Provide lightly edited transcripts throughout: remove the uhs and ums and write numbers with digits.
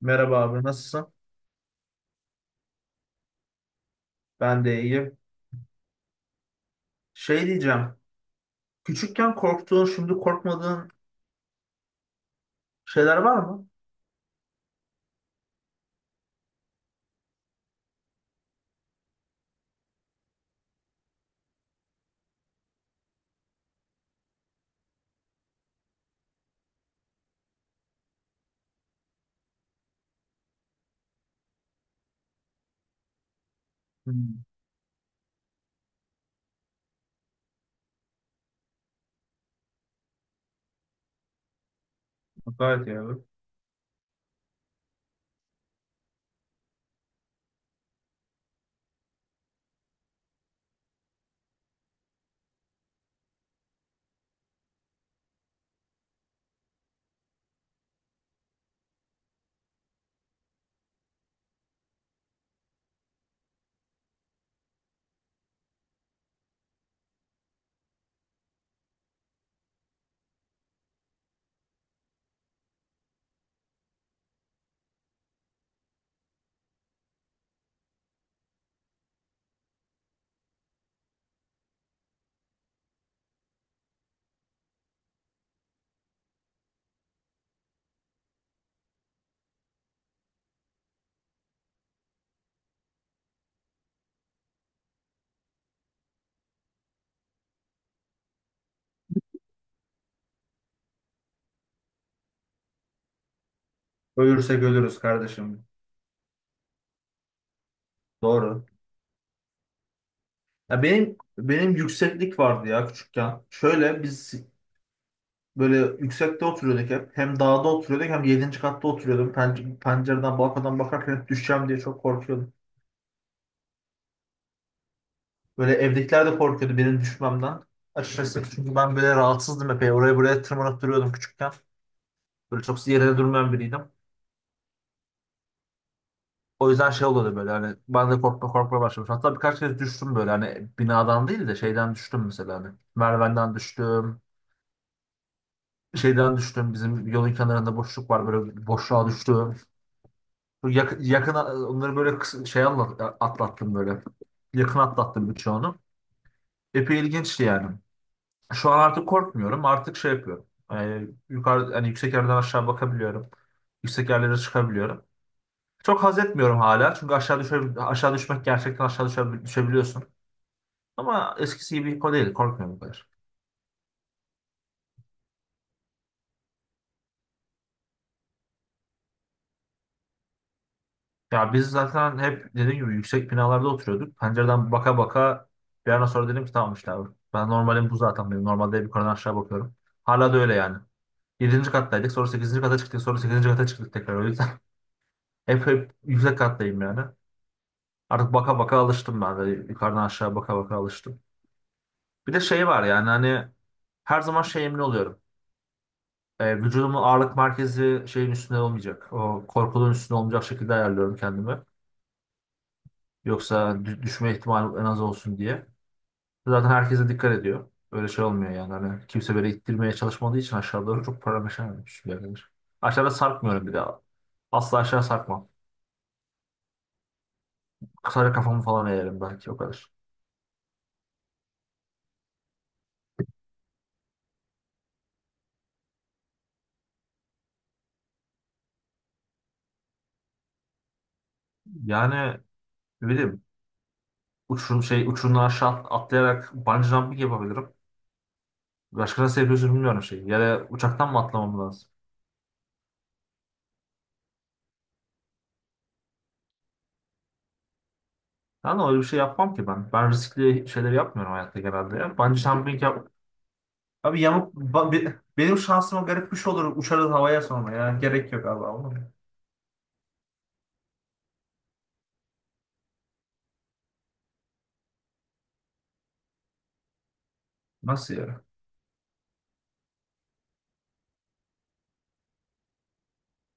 Merhaba abi, nasılsın? Ben de iyiyim. Şey diyeceğim. Küçükken korktuğun, şimdi korkmadığın şeyler var mı? Hmm, gayet iyi abi. Ölürsek ölürüz kardeşim. Doğru. Ya benim yükseklik vardı ya küçükken. Şöyle biz böyle yüksekte oturuyorduk hep. Hem dağda oturuyorduk hem 7. katta oturuyordum. Pencereden, balkondan bakarken hep düşeceğim diye çok korkuyordum. Böyle evdekiler de korkuyordu benim düşmemden. Açıkçası çünkü ben böyle rahatsızdım epey. Oraya buraya tırmanıp duruyordum küçükken. Böyle çok yere durmayan biriydim. O yüzden şey oluyordu, böyle hani ben de korkma korkma başlamış. Hatta birkaç kez düştüm, böyle hani binadan değil de şeyden düştüm mesela, hani. Merdivenden düştüm. Şeyden düştüm. Bizim yolun kenarında boşluk var, böyle boşluğa düştüm. Yakın onları böyle atlattım böyle. Yakın atlattım birçoğunu. Epey ilginçti yani. Şu an artık korkmuyorum. Artık şey yapıyorum. Yukarı hani, yüksek yerden aşağı bakabiliyorum. Yüksek yerlere çıkabiliyorum. Çok haz etmiyorum hala. Çünkü aşağı düşmek gerçekten, düşebiliyorsun. Ama eskisi gibi hippo değil. Korkmuyorum bu kadar. Ya biz zaten hep dediğim gibi yüksek binalarda oturuyorduk. Pencereden baka baka bir an sonra dedim ki tamam işte abi. Ben normalim, bu zaten benim. Normalde hep yukarıdan aşağı bakıyorum. Hala da öyle yani. 7. kattaydık. Sonra 8. kata çıktık. Sonra 8. kata çıktık tekrar. O yüzden hep yüksek kattayım yani. Artık baka baka alıştım ben de. Yukarıdan aşağı baka baka alıştım. Bir de şey var yani, hani her zaman şey, emin oluyorum. Vücudumun ağırlık merkezi şeyin üstünde olmayacak. O korkuluğun üstünde olmayacak şekilde ayarlıyorum kendimi. Yoksa düşme ihtimali en az olsun diye. Zaten herkese dikkat ediyor. Öyle şey olmuyor yani. Hani kimse böyle ittirmeye çalışmadığı için aşağı doğru çok parameşememiş bir yerdedir. Aşağıda sarkmıyorum bir daha. Asla aşağı sarkmam. Kısaca kafamı falan eğerim, belki o kadar. Yani ne bileyim, uçurum şey, uçurumdan aşağı atlayarak bungee jumping yapabilirim. Başka nasıl yapıyorsun bilmiyorum, şey. Ya da uçaktan mı atlamam lazım? Yani öyle bir şey yapmam ki ben. Ben riskli şeyleri yapmıyorum hayatta, genelde. Ya. Bungee jumping yap, abi yamuk benim şansıma garip bir şey olur, uçarız havaya. Sonra ya gerek yok abi ama. Nasıl ya?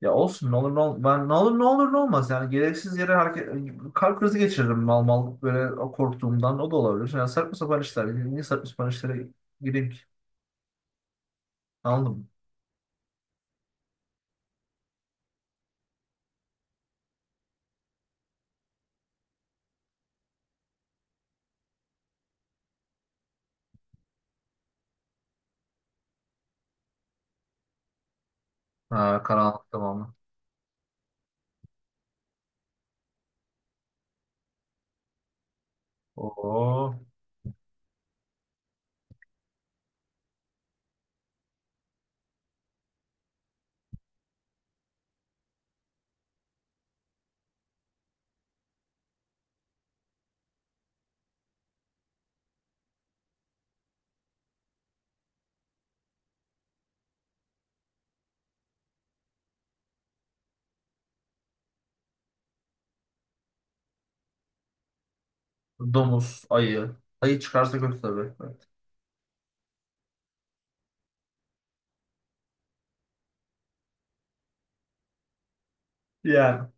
Ya olsun, ne olur ne olur, ben ne olur ne olur ne olmaz yani, gereksiz yere hareket kalp krizi geçiririm mal mal, böyle o korktuğumdan o da olabilir. Yani saçma sapan işler, niye saçma sapan işlere gireyim ki? Anladın mı? Ha, karanlık tamamı. Oo, domuz, ayı. Ayı çıkarsa kötü tabii. Evet. Yani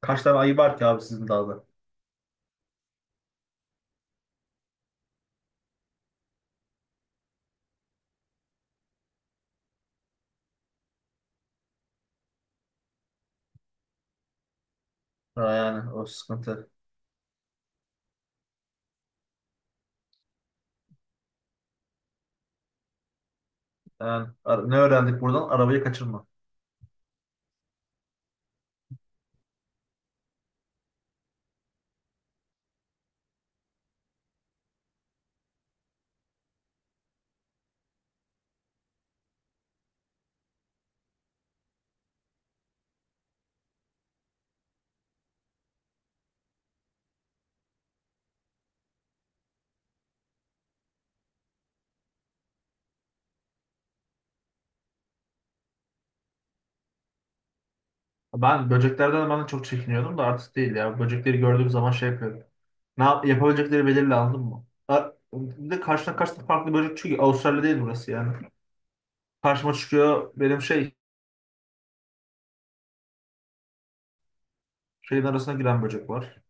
kaç tane ayı var ki abi sizin dağda? Ha, yani o sıkıntı. Yani ne öğrendik buradan, arabayı kaçırma. Ben de çok çekiniyordum da artık değil ya. Böcekleri gördüğüm zaman şey yapıyorum. Ne yap yapabilecekleri belirli, anladın mı? Ha, bir de karşına karşına farklı böcek, çünkü Avustralya değil burası yani. Karşıma çıkıyor benim şey, şeyin arasına giren böcek var.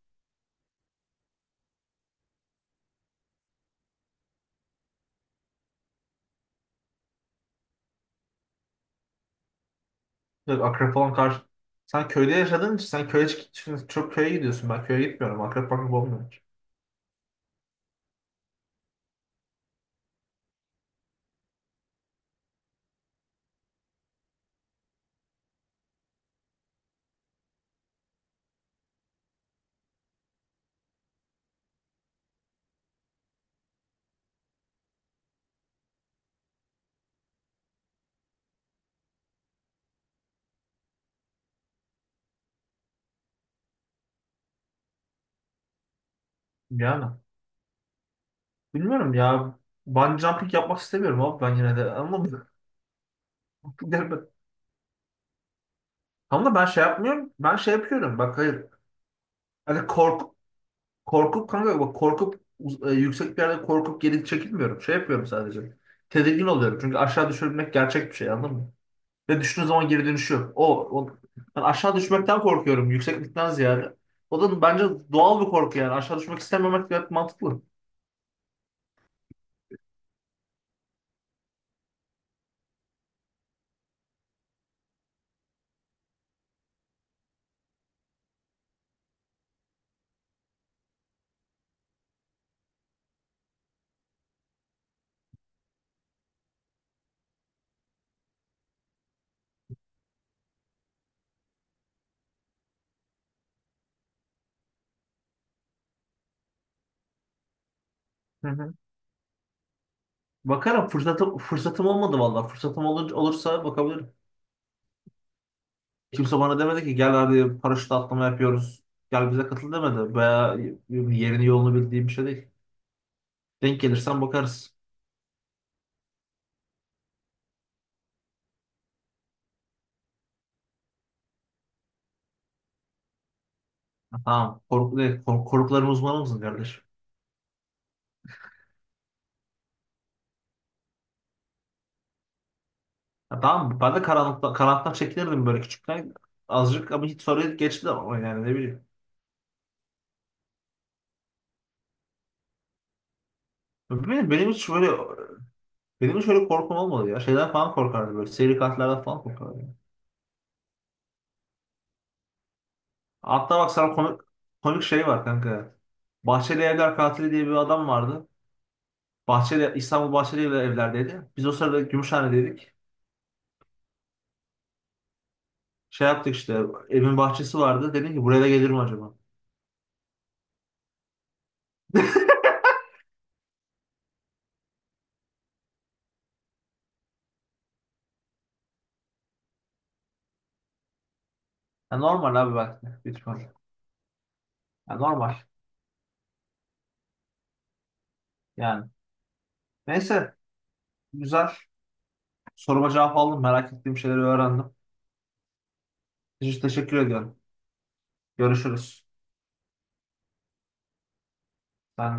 Bir akrep falan karşı. Sen köyde yaşadığın için sen şimdi çok köye gidiyorsun. Ben köye gitmiyorum. Akrep olmuyor hiç. Yani bilmiyorum ya. Bungee jumping yapmak istemiyorum abi ben yine de. Ama ama da ben şey yapmıyorum. Ben şey yapıyorum. Bak hayır. Hani kork Korkup, kanka bak, korkup yüksek bir yerde korkup geri çekilmiyorum. Şey yapıyorum sadece. Tedirgin oluyorum. Çünkü aşağı düşürmek gerçek bir şey, anladın mı? Ve düştüğün zaman geri dönüşü yok. O, o ben aşağı düşmekten korkuyorum, yükseklikten ziyade. O da bence doğal bir korku yani. Aşağı düşmek istememek gayet mantıklı. Hı hı. Bakarım, fırsatım olmadı vallahi. Olursa bakabilirim. Kimse bana demedi ki gel hadi paraşütle atlama yapıyoruz. Gel bize katıl, demedi. Veya yerini yolunu bildiğim bir şey değil. Denk gelirsen bakarız. Tamam. Korku değil. Korkuların uzmanı mısın kardeş? Ya tamam. Ben de karanlıktan çekinirdim böyle küçükken. Azıcık, ama hiç, sonra geçti ama, yani ne bileyim. Benim, benim hiç böyle Benim hiç öyle korkum olmadı ya. Şeyden falan korkardım böyle. Seri katillerden falan korkardım. Hatta bak, sana komik şey var kanka. Bahçeli Evler Katili diye bir adam vardı. Bahçeli, İstanbul Bahçeli Evler evlerdeydi. Biz o sırada Gümüşhane'deydik. Şey yaptık işte, evin bahçesi vardı. Dedim ki buraya da gelir mi acaba? Ya normal abi, bak. Lütfen. Ya normal. Yani. Neyse, güzel. Soruma cevap aldım. Merak ettiğim şeyleri öğrendim. Teşekkür ediyorum. Görüşürüz. Ben